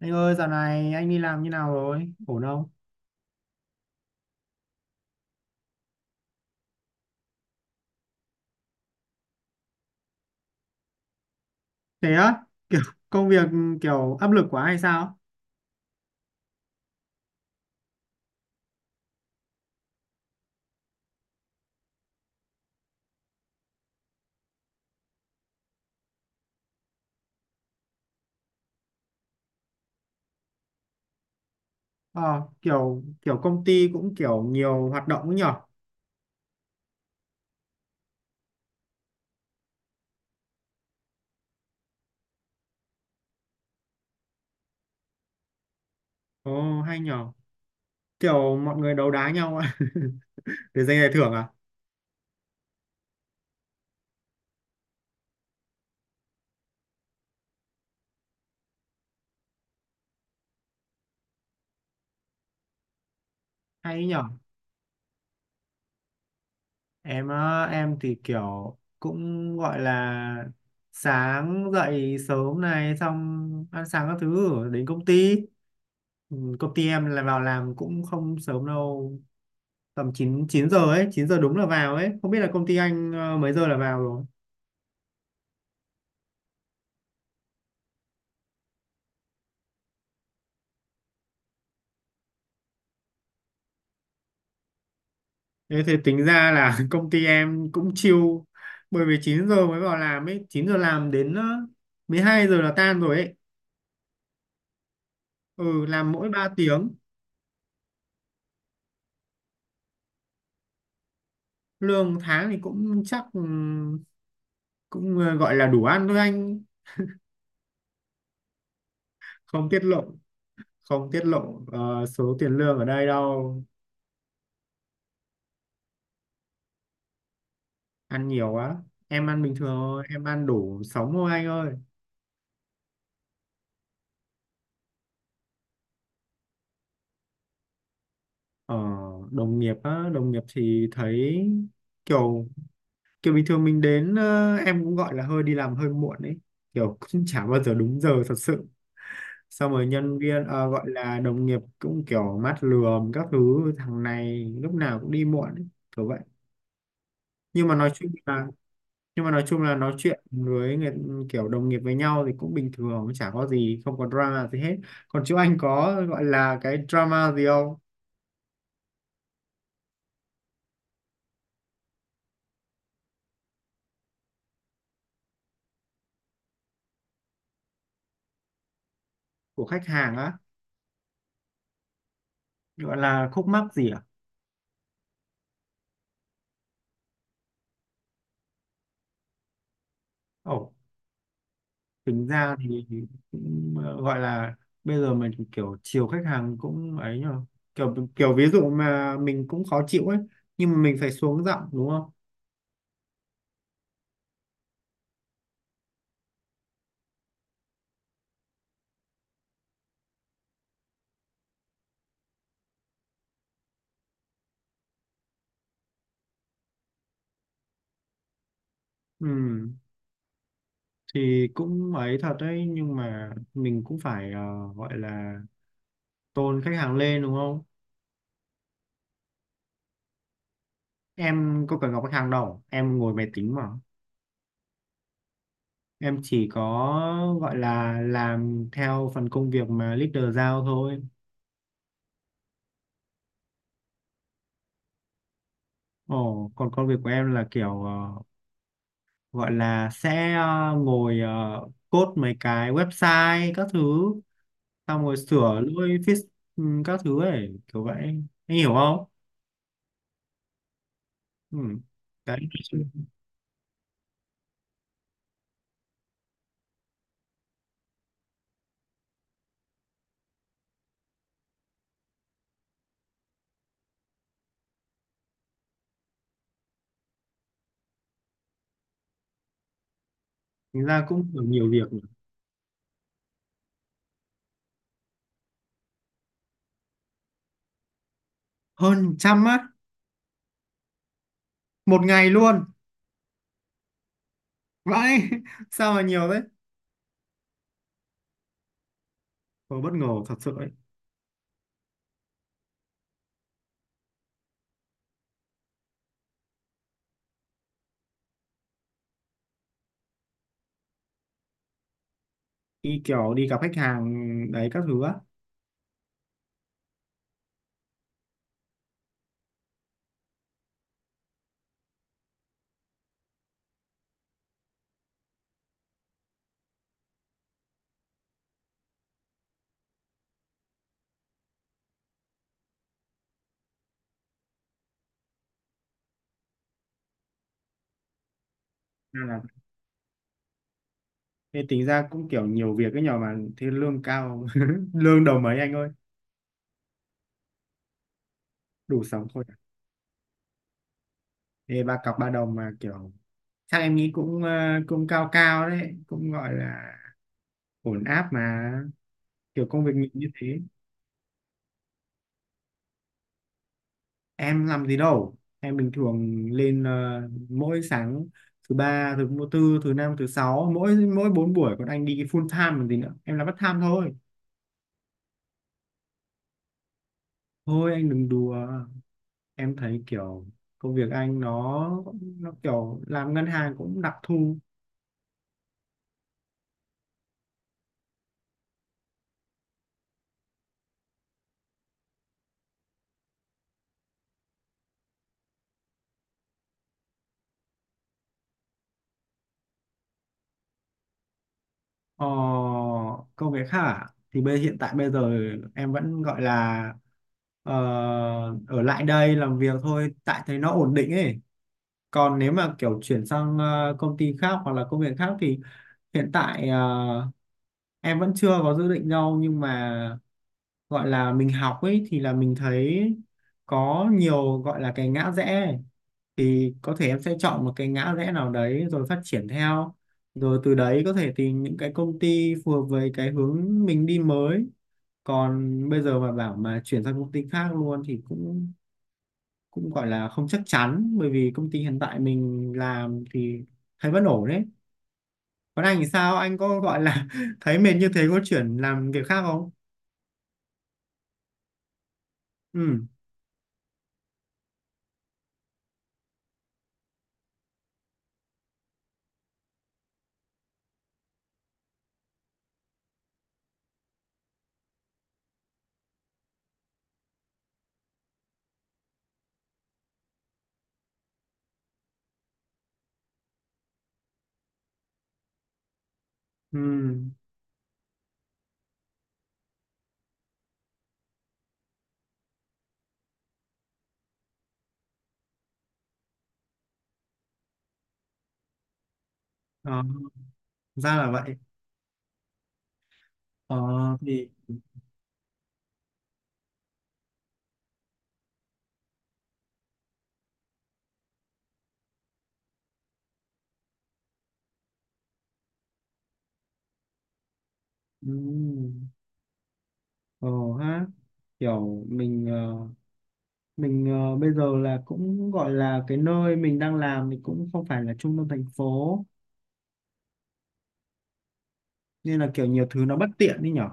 Anh ơi, dạo này anh đi làm như nào rồi? Ổn không? Thế á, kiểu công việc kiểu áp lực quá hay sao? Ờ, kiểu kiểu công ty cũng kiểu nhiều hoạt động ấy nhở? Ồ, hay nhở? Kiểu mọi người đấu đá nhau à? Để giành giải thưởng à? Hay ấy nhở? Em á, em thì kiểu cũng gọi là sáng dậy sớm này xong ăn sáng các thứ rồi đến công ty. Ừ, công ty em là vào làm cũng không sớm đâu, tầm 9 9 giờ ấy, 9 giờ đúng là vào ấy. Không biết là công ty anh mấy giờ là vào rồi. Thế thì tính ra là công ty em cũng chill, bởi vì 9 giờ mới vào làm ấy, 9 giờ làm đến 12 giờ là tan rồi ấy. Ừ, làm mỗi 3 tiếng, lương tháng thì cũng chắc cũng gọi là đủ ăn thôi anh. Không tiết lộ, không tiết lộ số tiền lương ở đây đâu. Ăn nhiều quá. Em ăn bình thường thôi, em ăn đủ sống thôi anh ơi. Ờ, đồng nghiệp á, đồng nghiệp thì thấy kiểu kiểu bình thường mình đến, em cũng gọi là hơi đi làm hơi muộn ấy, kiểu cũng chả bao giờ đúng giờ thật sự, xong rồi nhân viên, gọi là đồng nghiệp cũng kiểu mắt lườm các thứ, thằng này lúc nào cũng đi muộn ấy, kiểu vậy. nhưng mà nói chung là nhưng mà nói chung là nói chuyện với người, kiểu đồng nghiệp với nhau thì cũng bình thường, chả có gì, không có drama gì hết. Còn chú anh có gọi là cái drama gì không? Của khách hàng á? Gọi là khúc mắc gì à? Ồ, tính ra thì cũng gọi là bây giờ mình kiểu chiều khách hàng cũng ấy nhờ, kiểu kiểu ví dụ mà mình cũng khó chịu ấy, nhưng mà mình phải xuống giọng đúng không? Ừ, thì cũng ấy thật đấy, nhưng mà mình cũng phải gọi là tôn khách hàng lên đúng không? Em có cần gặp khách hàng đâu, em ngồi máy tính mà. Em chỉ có gọi là làm theo phần công việc mà leader giao thôi. Ồ, còn công việc của em là kiểu, gọi là sẽ, ngồi code mấy cái website các thứ, xong rồi sửa lỗi, fix, ừ, các thứ ấy, kiểu vậy. Anh hiểu không? Ừ. Đấy. Thành ra cũng được nhiều việc nhỉ. Hơn 100 á? Một ngày luôn? Vậy? Sao mà nhiều thế. Tôi bất ngờ thật sự ấy. Đi kiểu đi gặp khách hàng đấy các thứ á? Nên là thế tính ra cũng kiểu nhiều việc cái nhỏ mà thế lương cao, lương đầu mấy anh ơi? Đủ sống thôi à? Thế ba cọc ba đồng mà kiểu, chắc em nghĩ cũng cũng cao cao đấy, cũng gọi là ổn áp mà, kiểu công việc mình như thế. Em làm gì đâu, em bình thường lên, mỗi sáng thứ ba, thứ tư, thứ năm, thứ sáu, mỗi mỗi 4 buổi, còn anh đi cái full time còn gì nữa, em là part time thôi. Thôi anh đừng đùa, em thấy kiểu công việc anh nó kiểu làm ngân hàng cũng đặc thù. Ờ, công việc hả? Thì hiện tại bây giờ em vẫn gọi là ờ, ở lại đây làm việc thôi, tại thấy nó ổn định ấy. Còn nếu mà kiểu chuyển sang, công ty khác hoặc là công việc khác thì hiện tại, em vẫn chưa có dự định đâu, nhưng mà gọi là mình học ấy thì là mình thấy có nhiều gọi là cái ngã rẽ ấy. Thì có thể em sẽ chọn một cái ngã rẽ nào đấy rồi phát triển theo, rồi từ đấy có thể tìm những cái công ty phù hợp với cái hướng mình đi mới. Còn bây giờ mà bảo mà chuyển sang công ty khác luôn thì cũng, cũng gọi là không chắc chắn, bởi vì công ty hiện tại mình làm thì thấy vẫn ổn đấy. Còn anh thì sao, anh có gọi là thấy mệt như thế có chuyển làm việc khác không? Ừ. Ừ. Ờ, ra là vậy. Ờ. Thì. Ừ. Ờ. Ha. Kiểu mình, bây giờ là cũng gọi là cái nơi mình đang làm thì cũng không phải là trung tâm thành phố, nên là kiểu nhiều thứ nó bất tiện đi nhở.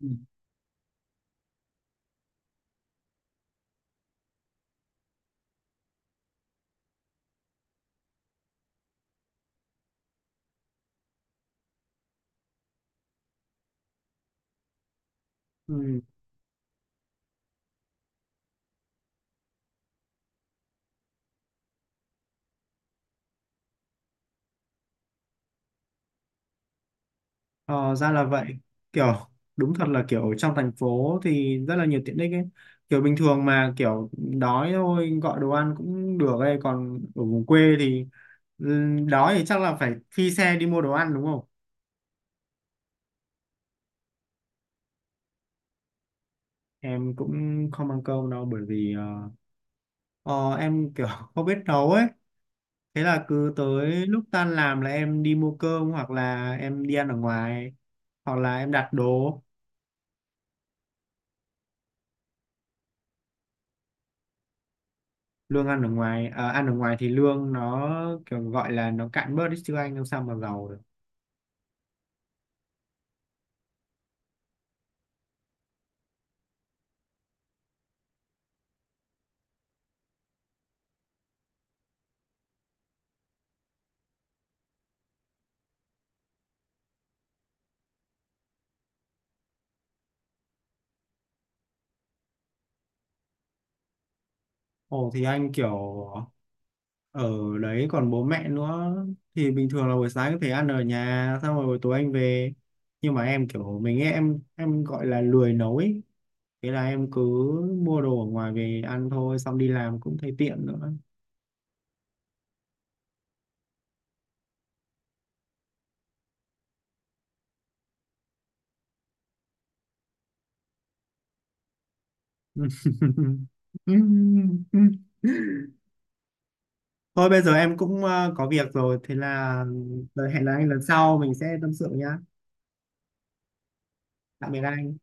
Ừ. Ừ. Ờ, ra là vậy. Kiểu đúng thật là kiểu ở trong thành phố thì rất là nhiều tiện ích ấy, kiểu bình thường mà kiểu đói thôi gọi đồ ăn cũng được ấy, còn ở vùng quê thì, ừ, đói thì chắc là phải phi xe đi mua đồ ăn đúng không? Em cũng không ăn cơm đâu, bởi vì em kiểu không biết nấu ấy. Thế là cứ tới lúc tan làm là em đi mua cơm, hoặc là em đi ăn ở ngoài, hoặc là em đặt đồ. Lương ăn ở ngoài à, ăn ở ngoài thì lương nó kiểu gọi là nó cạn bớt đi chứ, anh làm sao mà giàu được. Ồ thì anh kiểu ở đấy còn bố mẹ nữa, thì bình thường là buổi sáng có thể ăn ở nhà xong rồi buổi tối anh về. Nhưng mà em kiểu mình ấy, em gọi là lười nấu ấy, thế là em cứ mua đồ ở ngoài về ăn thôi, xong đi làm cũng thấy tiện nữa. Thôi bây giờ em cũng có việc rồi, thế là hẹn là anh lần sau mình sẽ tâm sự nhá. Tạm biệt anh.